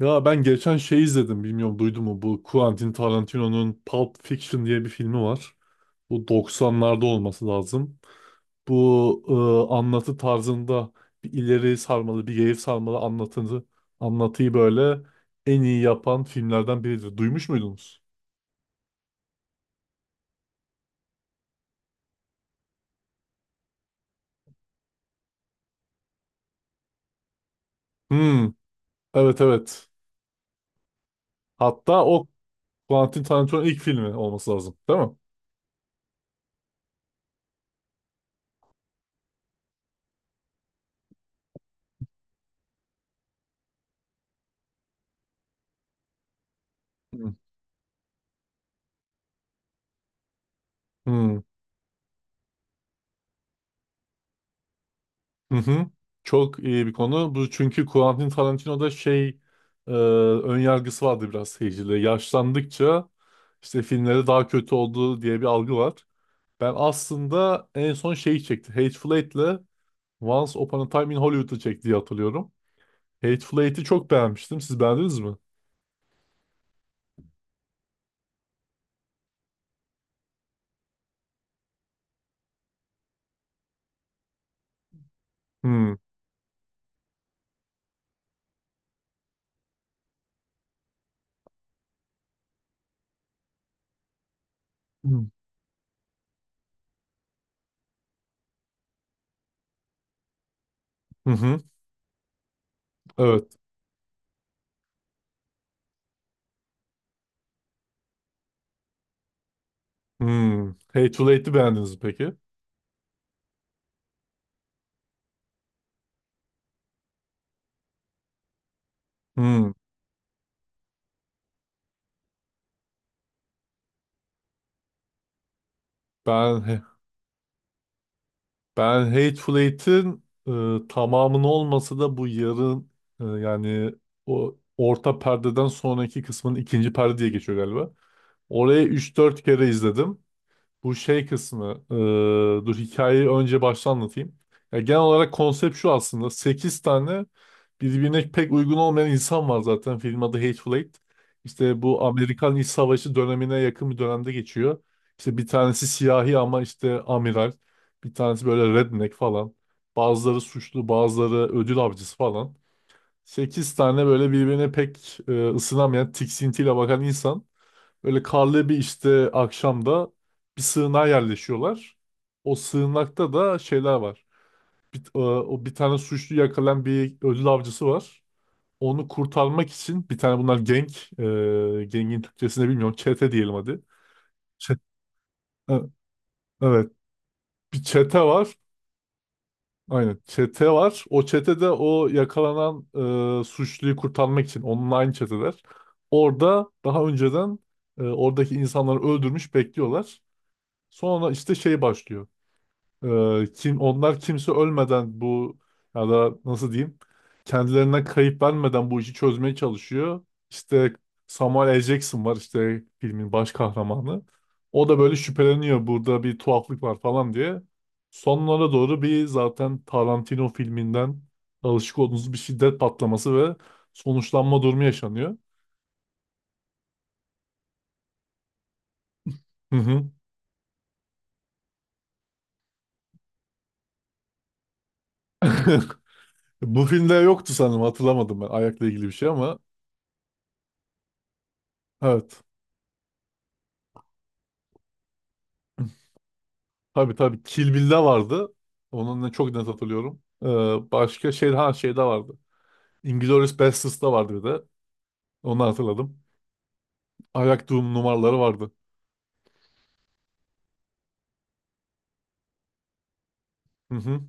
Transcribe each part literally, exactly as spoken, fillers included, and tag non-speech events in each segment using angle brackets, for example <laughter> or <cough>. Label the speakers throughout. Speaker 1: Ya ben geçen şey izledim bilmiyorum duydun mu bu Quentin Tarantino'nun Pulp Fiction diye bir filmi var. Bu doksanlarda olması lazım. Bu e, anlatı tarzında bir ileri sarmalı bir geri sarmalı anlatını, anlatıyı böyle en iyi yapan filmlerden biridir. Duymuş muydunuz? Hmm, evet, evet. Hatta o Quentin Tarantino'nun ilk filmi olması lazım değil mi? Hmm. Hmm. Hı hı. Çok iyi bir konu. Bu çünkü Quentin Tarantino'da şey e, ön yargısı vardı biraz seyircide. Yaşlandıkça işte filmleri daha kötü oldu diye bir algı var. Ben aslında en son şeyi çekti. Hateful Eight'le Once Upon a Time in Hollywood'u çekti diye hatırlıyorum. Hateful Eight'i çok beğenmiştim. Siz beğendiniz mi? Hmm. Hmm. Hı hı. Evet. Hmm. Hateful Eight'i beğendiniz mi peki? Hmm. Ben Ben Hateful Eight'in e, tamamını olmasa da bu yarın e, yani o orta perdeden sonraki kısmın ikinci perde diye geçiyor galiba. Oraya üç dört kere izledim. Bu şey kısmı. E, dur hikayeyi önce baştan anlatayım. Ya genel olarak konsept şu aslında. Sekiz tane birbirine pek uygun olmayan insan var zaten. Film adı Hateful Eight. İşte bu Amerikan İç Savaşı dönemine yakın bir dönemde geçiyor. İşte bir tanesi siyahi ama işte amiral. Bir tanesi böyle redneck falan. Bazıları suçlu, bazıları ödül avcısı falan. Sekiz tane böyle birbirine pek e, ısınamayan, tiksintiyle bakan insan. Böyle karlı bir işte akşamda bir sığınağa yerleşiyorlar. O sığınakta da şeyler var. Bir, e, o bir tane suçlu yakalayan bir ödül avcısı var. Onu kurtarmak için bir tane bunlar geng, e, gengin Türkçesini bilmiyorum. Çete diyelim hadi. Çe- e, evet, bir çete var. Aynen, çete var. O çetede o yakalanan e, suçluyu kurtarmak için onunla aynı çeteler. Orada daha önceden e, oradaki insanları öldürmüş bekliyorlar. Sonra işte şey başlıyor. Ee, kim onlar kimse ölmeden bu, ya da nasıl diyeyim, kendilerine kayıp vermeden bu işi çözmeye çalışıyor. İşte Samuel L. Jackson var, işte filmin baş kahramanı. O da böyle şüpheleniyor, burada bir tuhaflık var falan diye. Sonlara doğru bir, zaten Tarantino filminden alışık olduğunuz, bir şiddet patlaması ve sonuçlanma durumu yaşanıyor. Hı hı. <laughs> Bu filmde yoktu sanırım, hatırlamadım ben ayakla ilgili bir şey, ama evet. Tabii, tabii. Kill Bill'de vardı. Onun ne çok net hatırlıyorum. Ee, başka şey, ha, şeyde vardı. Inglourious Basterds'da vardı bir de. Onu hatırladım. Ayak Doom numaraları vardı. Hı hı.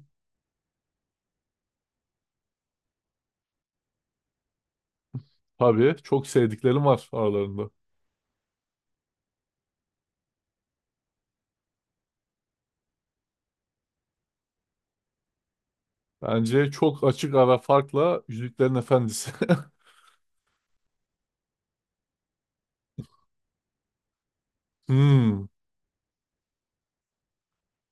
Speaker 1: Tabii, çok sevdiklerim var aralarında. Bence çok açık ara farkla Yüzüklerin Efendisi. <laughs> Hmm.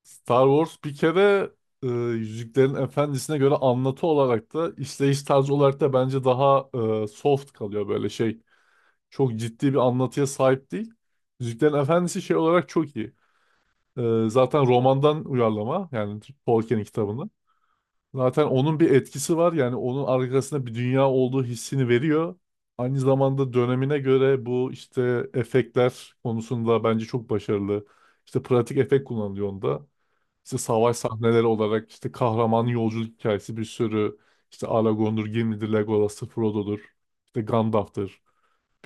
Speaker 1: Star Wars bir kere, e, Yüzüklerin Efendisi'ne göre anlatı olarak da işleyiş tarzı olarak da bence daha e, soft kalıyor böyle şey. Çok ciddi bir anlatıya sahip değil. Yüzüklerin Efendisi şey olarak çok iyi. Ee, zaten romandan uyarlama, yani Tolkien'in kitabından. Zaten onun bir etkisi var, yani onun arkasında bir dünya olduğu hissini veriyor. Aynı zamanda dönemine göre bu işte efektler konusunda bence çok başarılı. İşte pratik efekt kullanılıyor onda. İşte savaş sahneleri olarak, işte kahramanın yolculuk hikayesi, bir sürü işte Aragorn'dur, Gimli'dir, Legolas'tır, Frodo'dur, işte Gandalf'tır,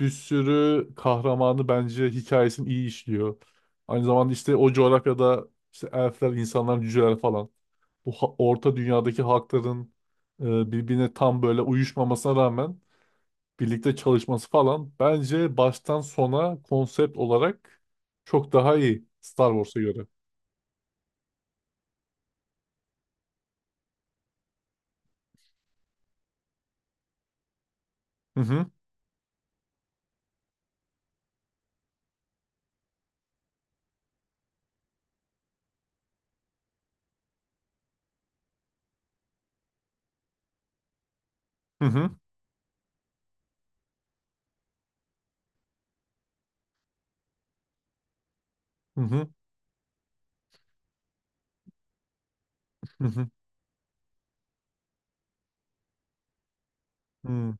Speaker 1: bir sürü kahramanı bence hikayesini iyi işliyor. Aynı zamanda işte o coğrafyada işte elfler, insanlar, cüceler falan. Bu ha- orta dünyadaki halkların e, birbirine tam böyle uyuşmamasına rağmen birlikte çalışması falan bence baştan sona konsept olarak çok daha iyi Star Wars'a göre. Hı hı, hı hı, hı hı, hı hı. Hı.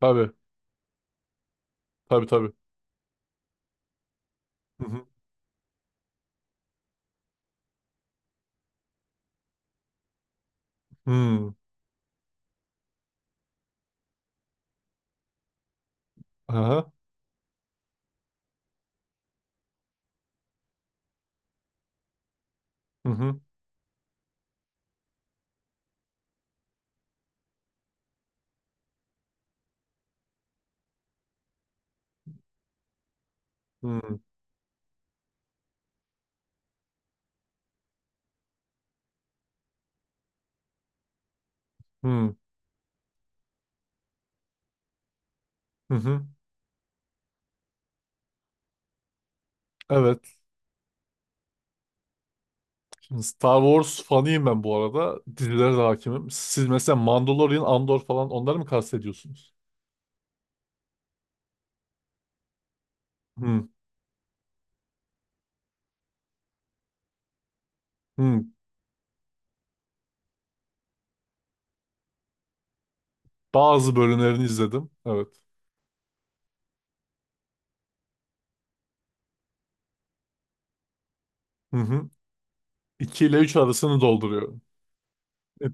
Speaker 1: Tabii, tabii, tabii. Hı hı hı. Aha. Hı hı, hı hı, hı. Hı. Evet. Star Wars fanıyım ben bu arada. Dizilere de hakimim. Siz mesela Mandalorian, Andor falan onları mı kastediyorsunuz? Hı, hı. Bazı bölümlerini izledim. Evet. Hı hı. iki ile üç arasını dolduruyorum. E,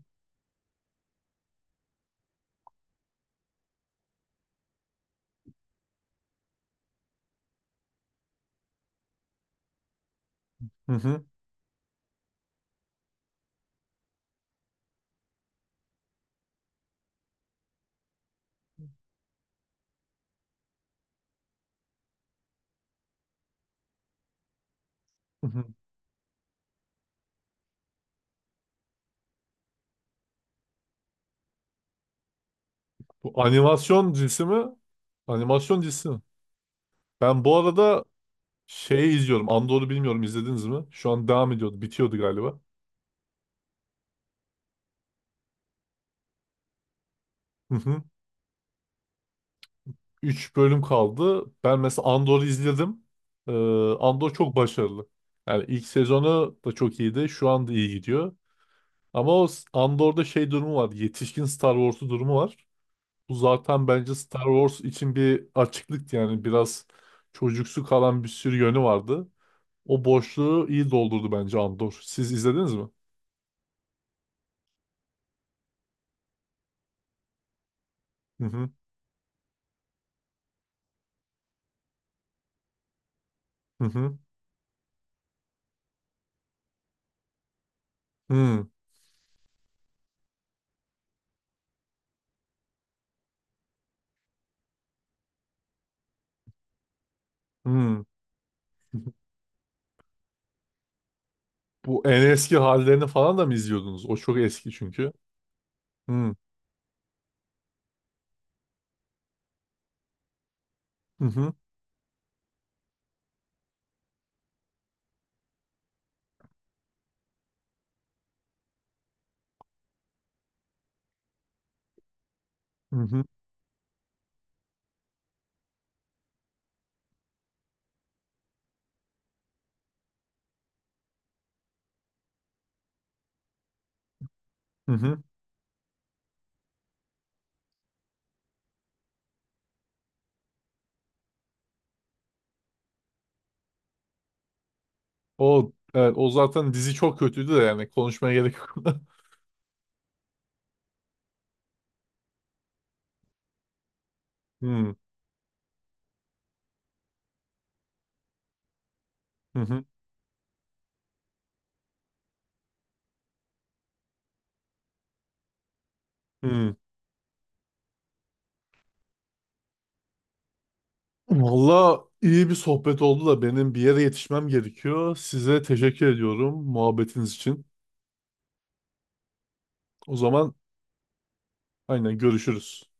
Speaker 1: Hı hı. Hı hı. Bu animasyon dizisi mi? Animasyon dizisi mi? Ben bu arada şeyi izliyorum. Andor'u bilmiyorum, izlediniz mi? Şu an devam ediyordu. Bitiyordu galiba. Hı hı. Üç bölüm kaldı. Ben mesela Andor'u izledim. Ee, Andor çok başarılı. Yani ilk sezonu da çok iyiydi. Şu anda iyi gidiyor. Ama o s- Andor'da şey durumu var. Yetişkin Star Wars'u durumu var. Bu zaten bence Star Wars için bir açıklıktı. Yani biraz çocuksu kalan bir sürü yönü vardı. O boşluğu iyi doldurdu bence Andor. Siz izlediniz mi? Hı hı. Hı hı. Hı hı. Bu en eski hallerini falan da mı izliyordunuz? O çok eski çünkü. Hı hı. Hı hı. Hı hı. O evet, o zaten dizi çok kötüydü de yani konuşmaya gerek yok. <laughs> Hı hı hı. Hı. Valla iyi bir sohbet oldu da benim bir yere yetişmem gerekiyor. Size teşekkür ediyorum muhabbetiniz için. O zaman aynen görüşürüz.